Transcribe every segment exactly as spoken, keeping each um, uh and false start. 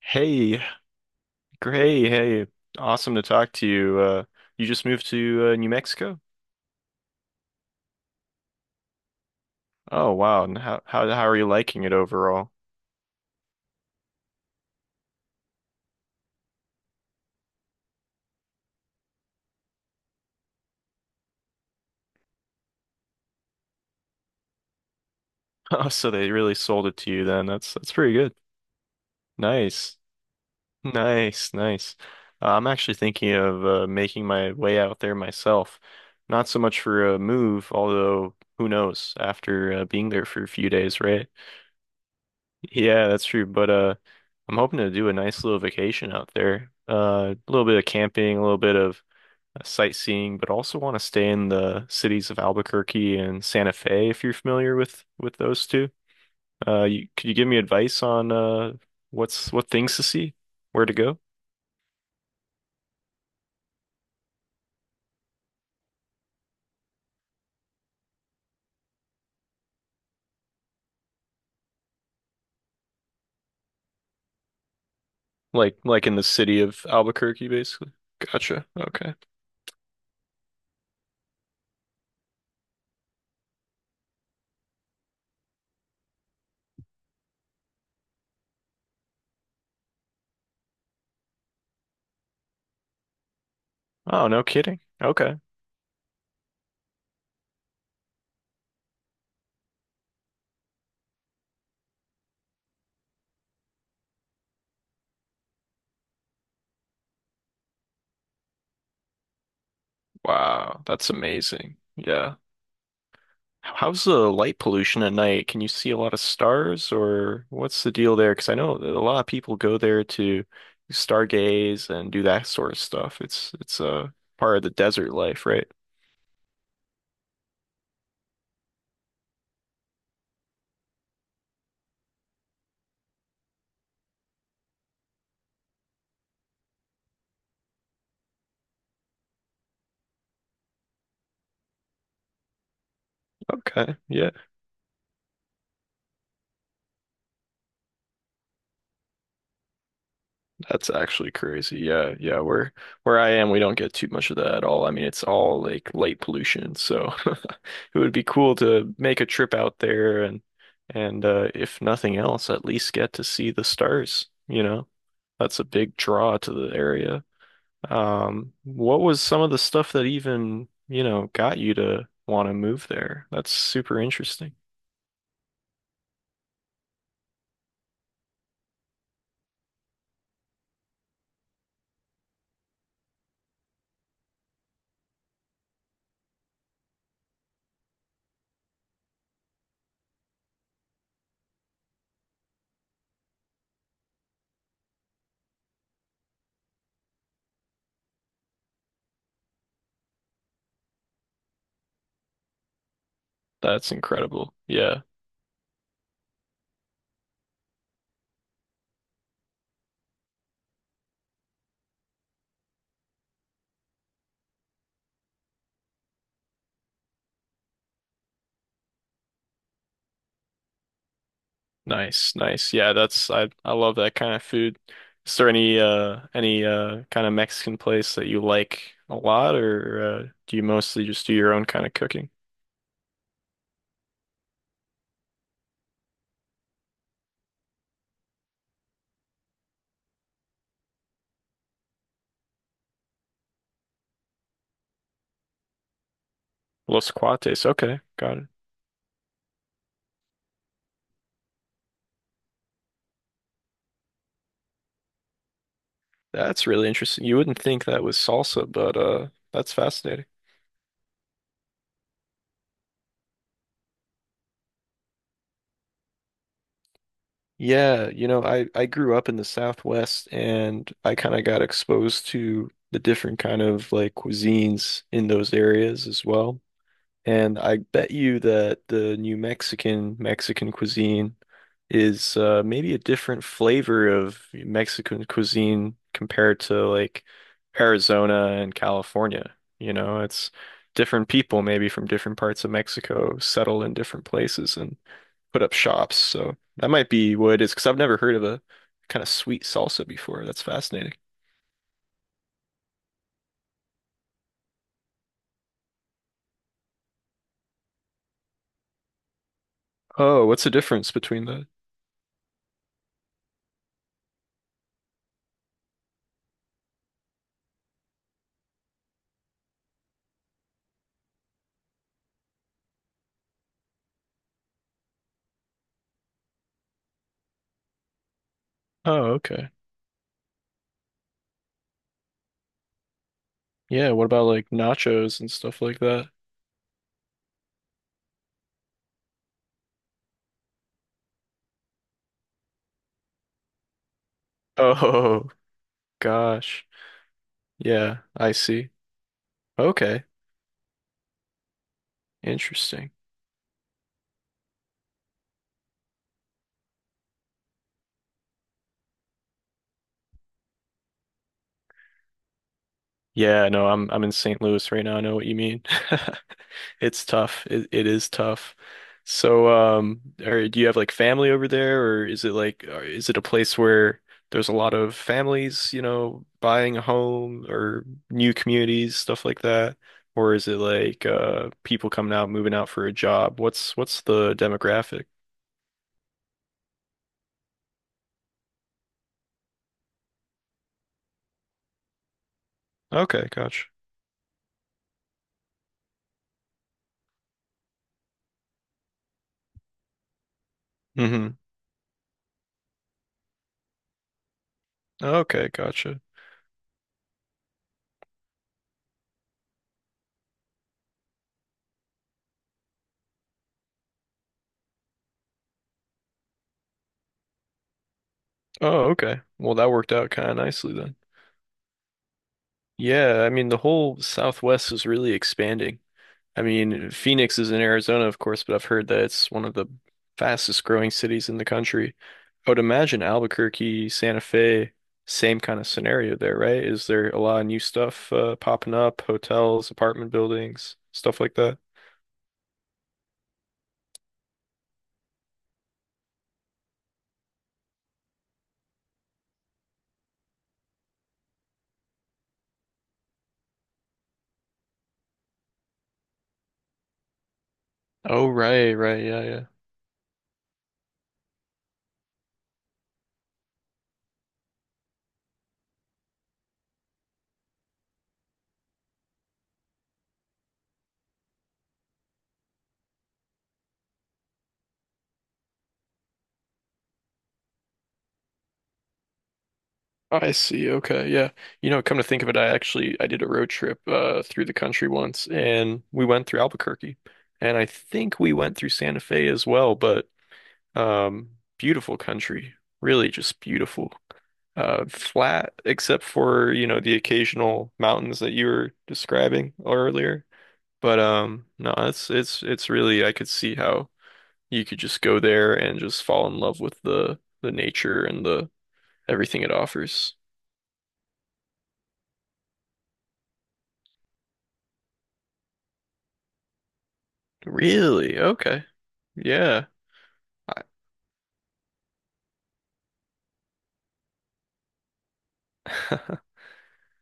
Hey, Gray, hey, awesome to talk to you. Uh, you just moved to uh, New Mexico? Oh, wow. And how how how are you liking it overall? Oh, so they really sold it to you then. That's that's pretty good. Nice. Nice, nice. Uh, I'm actually thinking of uh, making my way out there myself. Not so much for a move, although who knows after uh, being there for a few days, right? Yeah, that's true. But uh, I'm hoping to do a nice little vacation out there. Uh, a little bit of camping, a little bit of uh, sightseeing, but also want to stay in the cities of Albuquerque and Santa Fe if you're familiar with with those two. Uh, you, could you give me advice on uh, what's what things to see, where to go? Like like in the city of Albuquerque, basically. Gotcha. Okay. Oh, no kidding. Okay. Wow, that's amazing. Yeah. How's the light pollution at night? Can you see a lot of stars, or what's the deal there? Because I know that a lot of people go there to stargaze and do that sort of stuff. It's it's a part of the desert life, right? Okay, yeah. That's actually crazy. Yeah, yeah. Where where I am, we don't get too much of that at all. I mean, it's all like light pollution, so it would be cool to make a trip out there and and uh, if nothing else, at least get to see the stars, you know? That's a big draw to the area. Um, what was some of the stuff that even, you know, got you to want to move there? That's super interesting. That's incredible. Yeah. Nice, nice. Yeah, that's I I love that kind of food. Is there any uh any uh kind of Mexican place that you like a lot or uh do you mostly just do your own kind of cooking? Los Cuates. Okay, got it. That's really interesting. You wouldn't think that was salsa, but uh that's fascinating. Yeah, you know, I I grew up in the Southwest and I kind of got exposed to the different kind of like cuisines in those areas as well. And I bet you that the New Mexican Mexican cuisine is uh, maybe a different flavor of Mexican cuisine compared to like Arizona and California. You know, it's different people maybe from different parts of Mexico settle in different places and put up shops. So that might be what it is, because I've never heard of a kind of sweet salsa before. That's fascinating. Oh, what's the difference between the? Oh, okay. Yeah, what about like nachos and stuff like that? Oh gosh. Yeah, I see. Okay. Interesting. Yeah, no, I'm I'm in saint Louis right now. I know what you mean. It's tough. It it is tough. So, um, or do you have like family over there, or is it like, or is it a place where there's a lot of families, you know, buying a home or new communities, stuff like that? Or is it like uh people coming out, moving out for a job? What's what's the demographic? Okay, gotcha. Mm-hmm. Okay, gotcha. Oh, okay. Well, that worked out kind of nicely then. Yeah, I mean, the whole Southwest is really expanding. I mean, Phoenix is in Arizona, of course, but I've heard that it's one of the fastest growing cities in the country. I would imagine Albuquerque, Santa Fe, same kind of scenario there, right? Is there a lot of new stuff uh, popping up, hotels, apartment buildings, stuff like that? Oh, right, right, yeah, yeah. I see. Okay. Yeah. You know, come to think of it, I actually I did a road trip uh through the country once and we went through Albuquerque and I think we went through Santa Fe as well, but um beautiful country. Really just beautiful. Uh flat except for, you know, the occasional mountains that you were describing earlier. But um no, it's it's it's really I could see how you could just go there and just fall in love with the the nature and the everything it offers. Really? Okay. Yeah. I-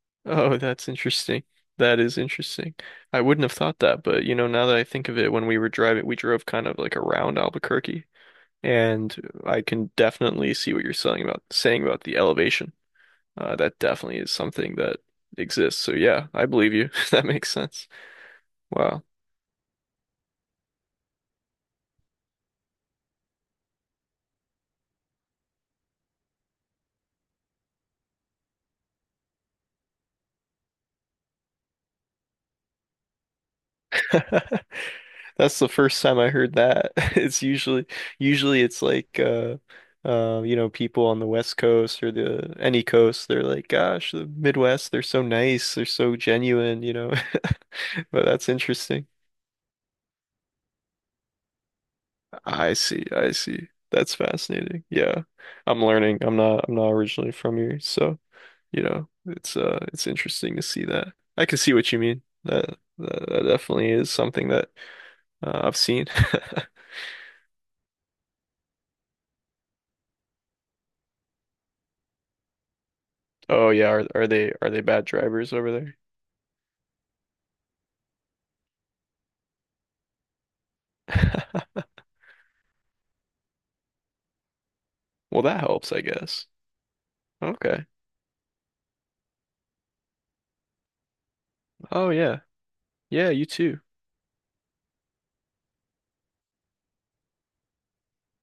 Oh, that's interesting. That is interesting. I wouldn't have thought that, but you know, now that I think of it, when we were driving, we drove kind of like around Albuquerque, and I can definitely see what you're saying about saying about the elevation. Uh, that definitely is something that exists. So yeah, I believe you. That makes sense. Wow. That's the first time I heard that. It's usually usually it's like uh uh you know people on the West Coast or the any coast they're like gosh the Midwest they're so nice they're so genuine you know but that's interesting. I see I see that's fascinating. Yeah, I'm learning. I'm not I'm not originally from here so you know it's uh it's interesting to see that. I can see what you mean. That that, that definitely is something that uh, I've seen. Oh yeah, are are they are they bad drivers over there? Well, that helps, I guess. Okay. Oh yeah. Yeah, you too.